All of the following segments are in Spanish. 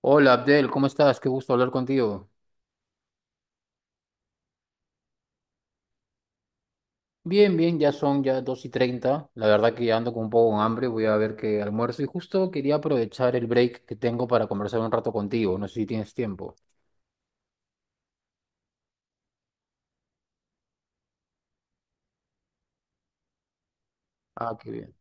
Hola Abdel, ¿cómo estás? Qué gusto hablar contigo. Bien, bien, ya son 2:30. La verdad que ya ando con un poco de hambre, voy a ver qué almuerzo. Y justo quería aprovechar el break que tengo para conversar un rato contigo. No sé si tienes tiempo. Ah, qué bien.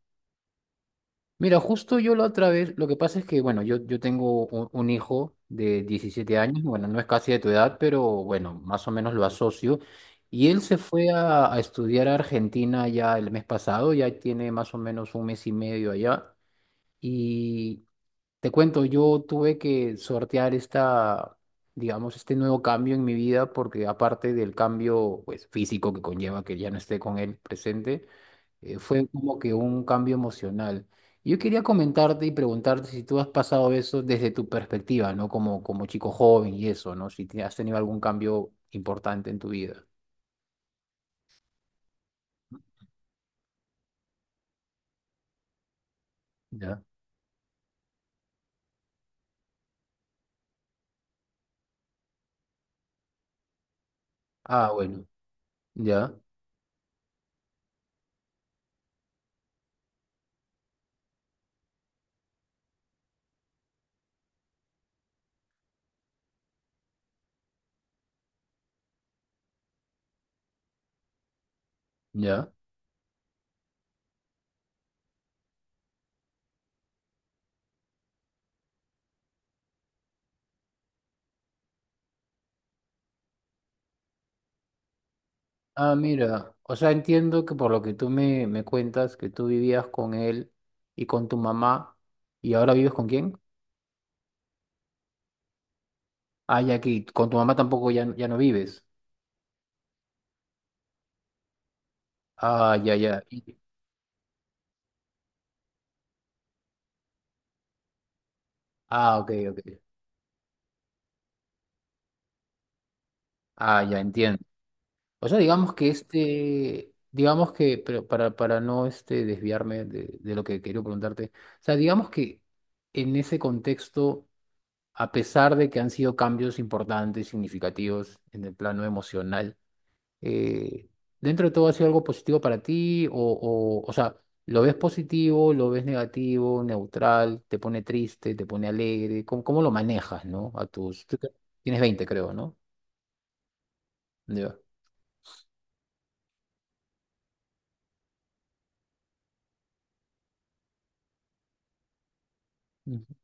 Mira, justo yo la otra vez, lo que pasa es que, bueno, yo tengo un hijo de 17 años, bueno, no es casi de tu edad, pero bueno, más o menos lo asocio. Y él se fue a estudiar a Argentina ya el mes pasado, ya tiene más o menos un mes y medio allá. Y Te cuento, yo tuve que sortear digamos, este nuevo cambio en mi vida porque aparte del cambio, pues, físico que conlleva que ya no esté con él presente. Fue como que un cambio emocional. Yo quería comentarte y preguntarte si tú has pasado eso desde tu perspectiva, ¿no? Como chico joven y eso, ¿no? Si has tenido algún cambio importante en tu vida. Ya. Ah, bueno. Ya, ya. Ah, mira, o sea, entiendo que por lo que tú me cuentas, que tú vivías con él y con tu mamá. ¿Y ahora vives con quién? Ah, ya que con tu mamá tampoco ya no vives. Ah, ya, ya. Ah, ok, ok. Ah, ya entiendo. O sea, digamos que pero para no desviarme de lo que quería preguntarte. O sea, digamos que en ese contexto, a pesar de que han sido cambios importantes, significativos en el plano emocional, eh, dentro de todo ha sido algo positivo para ti o sea, ¿lo ves positivo, lo ves negativo, neutral, te pone triste, te pone alegre? ¿Cómo lo manejas, no? A tus... tú te- Tienes 20 creo, ¿no? Ya. Ujú.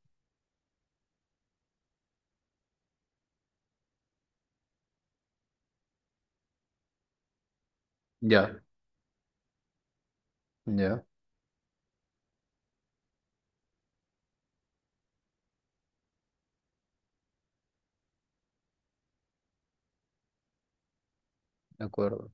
Ya, ya, de acuerdo.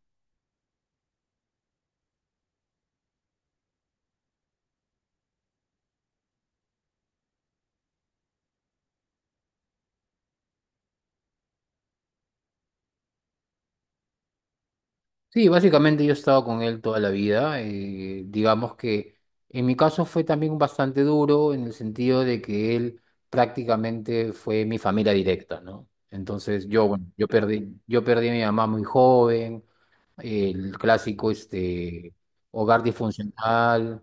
Sí, básicamente yo he estado con él toda la vida. Digamos que en mi caso fue también bastante duro en el sentido de que él prácticamente fue mi familia directa, ¿no? Entonces yo, bueno, yo perdí a mi mamá muy joven, el clásico hogar disfuncional.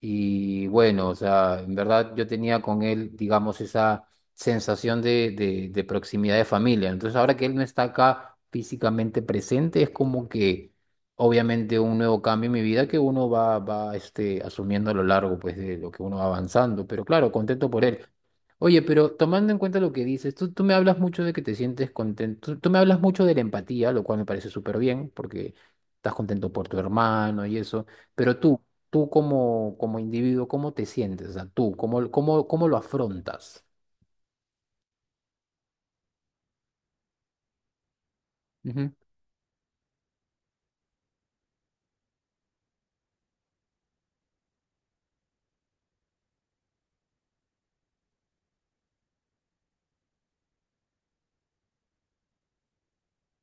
Y bueno, o sea, en verdad yo tenía con él, digamos, esa sensación de proximidad de familia. Entonces, ahora que él no está acá físicamente presente, es como que obviamente un nuevo cambio en mi vida que uno asumiendo a lo largo pues, de lo que uno va avanzando. Pero claro, contento por él. Oye, pero tomando en cuenta lo que dices, tú me hablas mucho de que te sientes contento, tú me hablas mucho de la empatía, lo cual me parece súper bien, porque estás contento por tu hermano y eso, pero tú como individuo, ¿cómo te sientes? O sea, tú, ¿cómo lo afrontas? Ujú.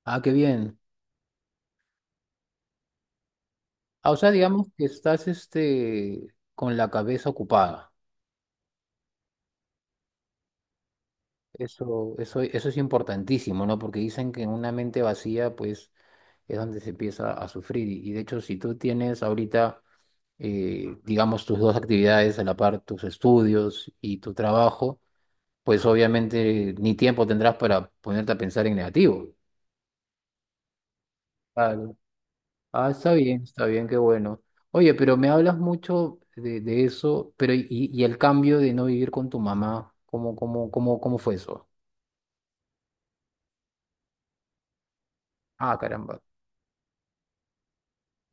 Ah, qué bien. Ah, o sea, digamos que estás con la cabeza ocupada. Eso es importantísimo, ¿no? Porque dicen que en una mente vacía, pues, es donde se empieza a sufrir. Y de hecho, si tú tienes ahorita, digamos, tus dos actividades a la par, tus estudios y tu trabajo, pues obviamente ni tiempo tendrás para ponerte a pensar en negativo. Claro. Ah, está bien, qué bueno. Oye, pero me hablas mucho de eso, pero y el cambio de no vivir con tu mamá, ¿cómo fue eso? Ah, caramba,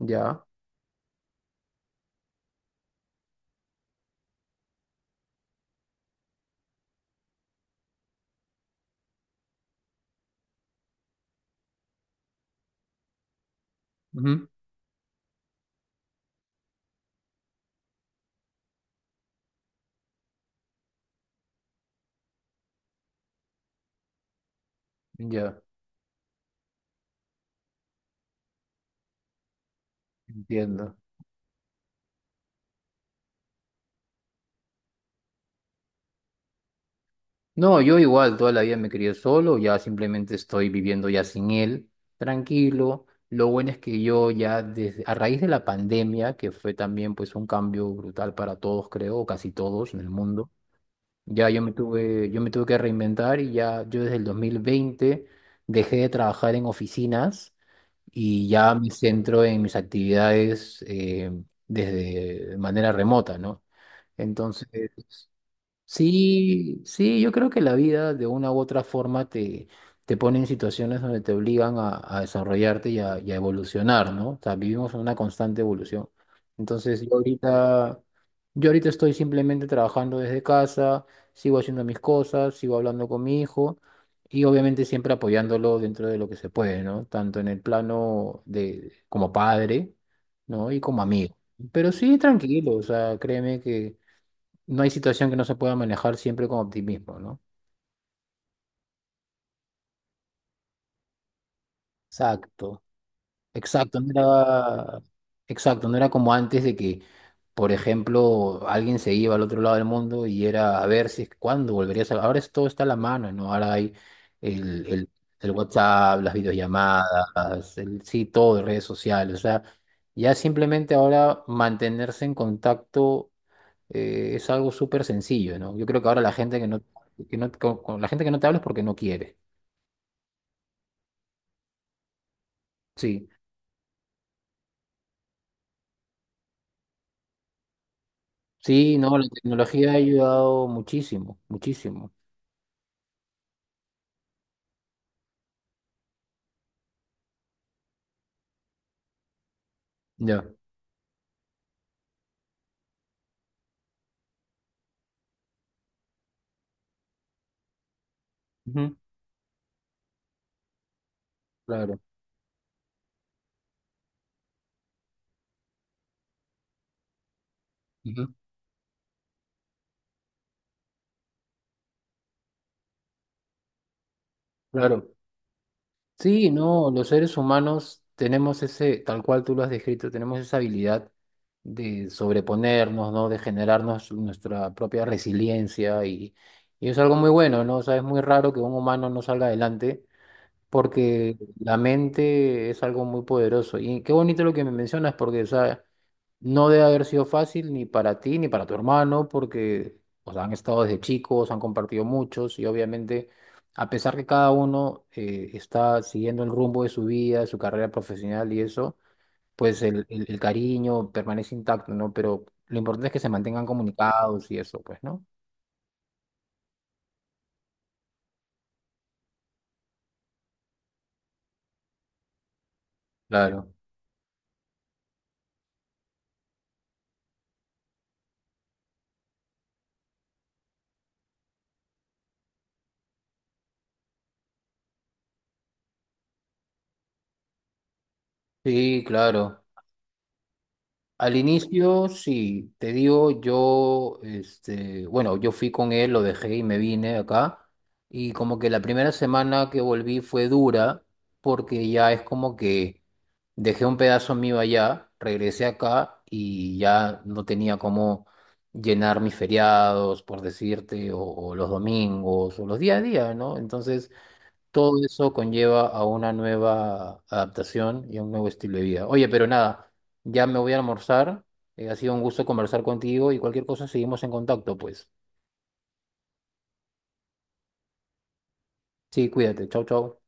ya. Ujú. Ya, entiendo. No, yo igual toda la vida me crié solo, ya simplemente estoy viviendo ya sin él, tranquilo. Lo bueno es que yo ya desde, a raíz de la pandemia, que fue también pues un cambio brutal para todos, creo, o casi todos en el mundo, ya yo me tuve que reinventar, y ya yo desde el 2020 dejé de trabajar en oficinas y ya me centro en mis actividades desde de manera remota, ¿no? Entonces... Sí, sí, yo creo que la vida de una u otra forma te pone en situaciones donde te obligan a desarrollarte y a evolucionar, ¿no? O sea, vivimos en una constante evolución. Entonces, yo ahorita estoy simplemente trabajando desde casa, sigo haciendo mis cosas, sigo hablando con mi hijo y obviamente siempre apoyándolo dentro de lo que se puede, ¿no? Tanto en el plano de como padre, ¿no? Y como amigo. Pero sí, tranquilo, o sea, créeme que no hay situación que no se pueda manejar siempre con optimismo, ¿no? Exacto, exacto, no era como antes de que, por ejemplo, alguien se iba al otro lado del mundo y era a ver si cuándo volverías Ahora todo está a la mano, ¿no? Ahora hay el, el, el WhatsApp, las videollamadas, sí, todo, redes sociales, o sea, ya simplemente ahora mantenerse en contacto es algo súper sencillo, ¿no? Yo creo que ahora la gente que no, con la gente que no te habla es porque no quiere. Sí, sí, no, la tecnología ha ayudado muchísimo, muchísimo. Ya. Ujú, claro, ujú, claro. Sí, no, los seres humanos tenemos ese, tal cual tú lo has descrito, tenemos esa habilidad de sobreponernos, ¿no? De generarnos nuestra propia resiliencia, y es algo muy bueno, ¿no? O sea, es muy raro que un humano no salga adelante porque la mente es algo muy poderoso. Y qué bonito lo que me mencionas porque, o sea, no debe haber sido fácil ni para ti ni para tu hermano, porque o sea, han estado desde chicos, han compartido muchos y obviamente, a pesar que cada uno está siguiendo el rumbo de su vida, de su carrera profesional y eso, pues el cariño permanece intacto, ¿no? Pero lo importante es que se mantengan comunicados y eso, pues, ¿no? Claro. Sí, claro. Al inicio, sí, te digo, bueno, yo fui con él, lo dejé y me vine acá. Y como que la primera semana que volví fue dura, porque ya es como que dejé un pedazo mío allá, regresé acá y ya no tenía cómo llenar mis feriados, por decirte, o los domingos, o los día a día, ¿no? Entonces todo eso conlleva a una nueva adaptación y a un nuevo estilo de vida. Oye, pero nada, ya me voy a almorzar. Ha sido un gusto conversar contigo y cualquier cosa seguimos en contacto, pues. Sí, cuídate. Chau, chau.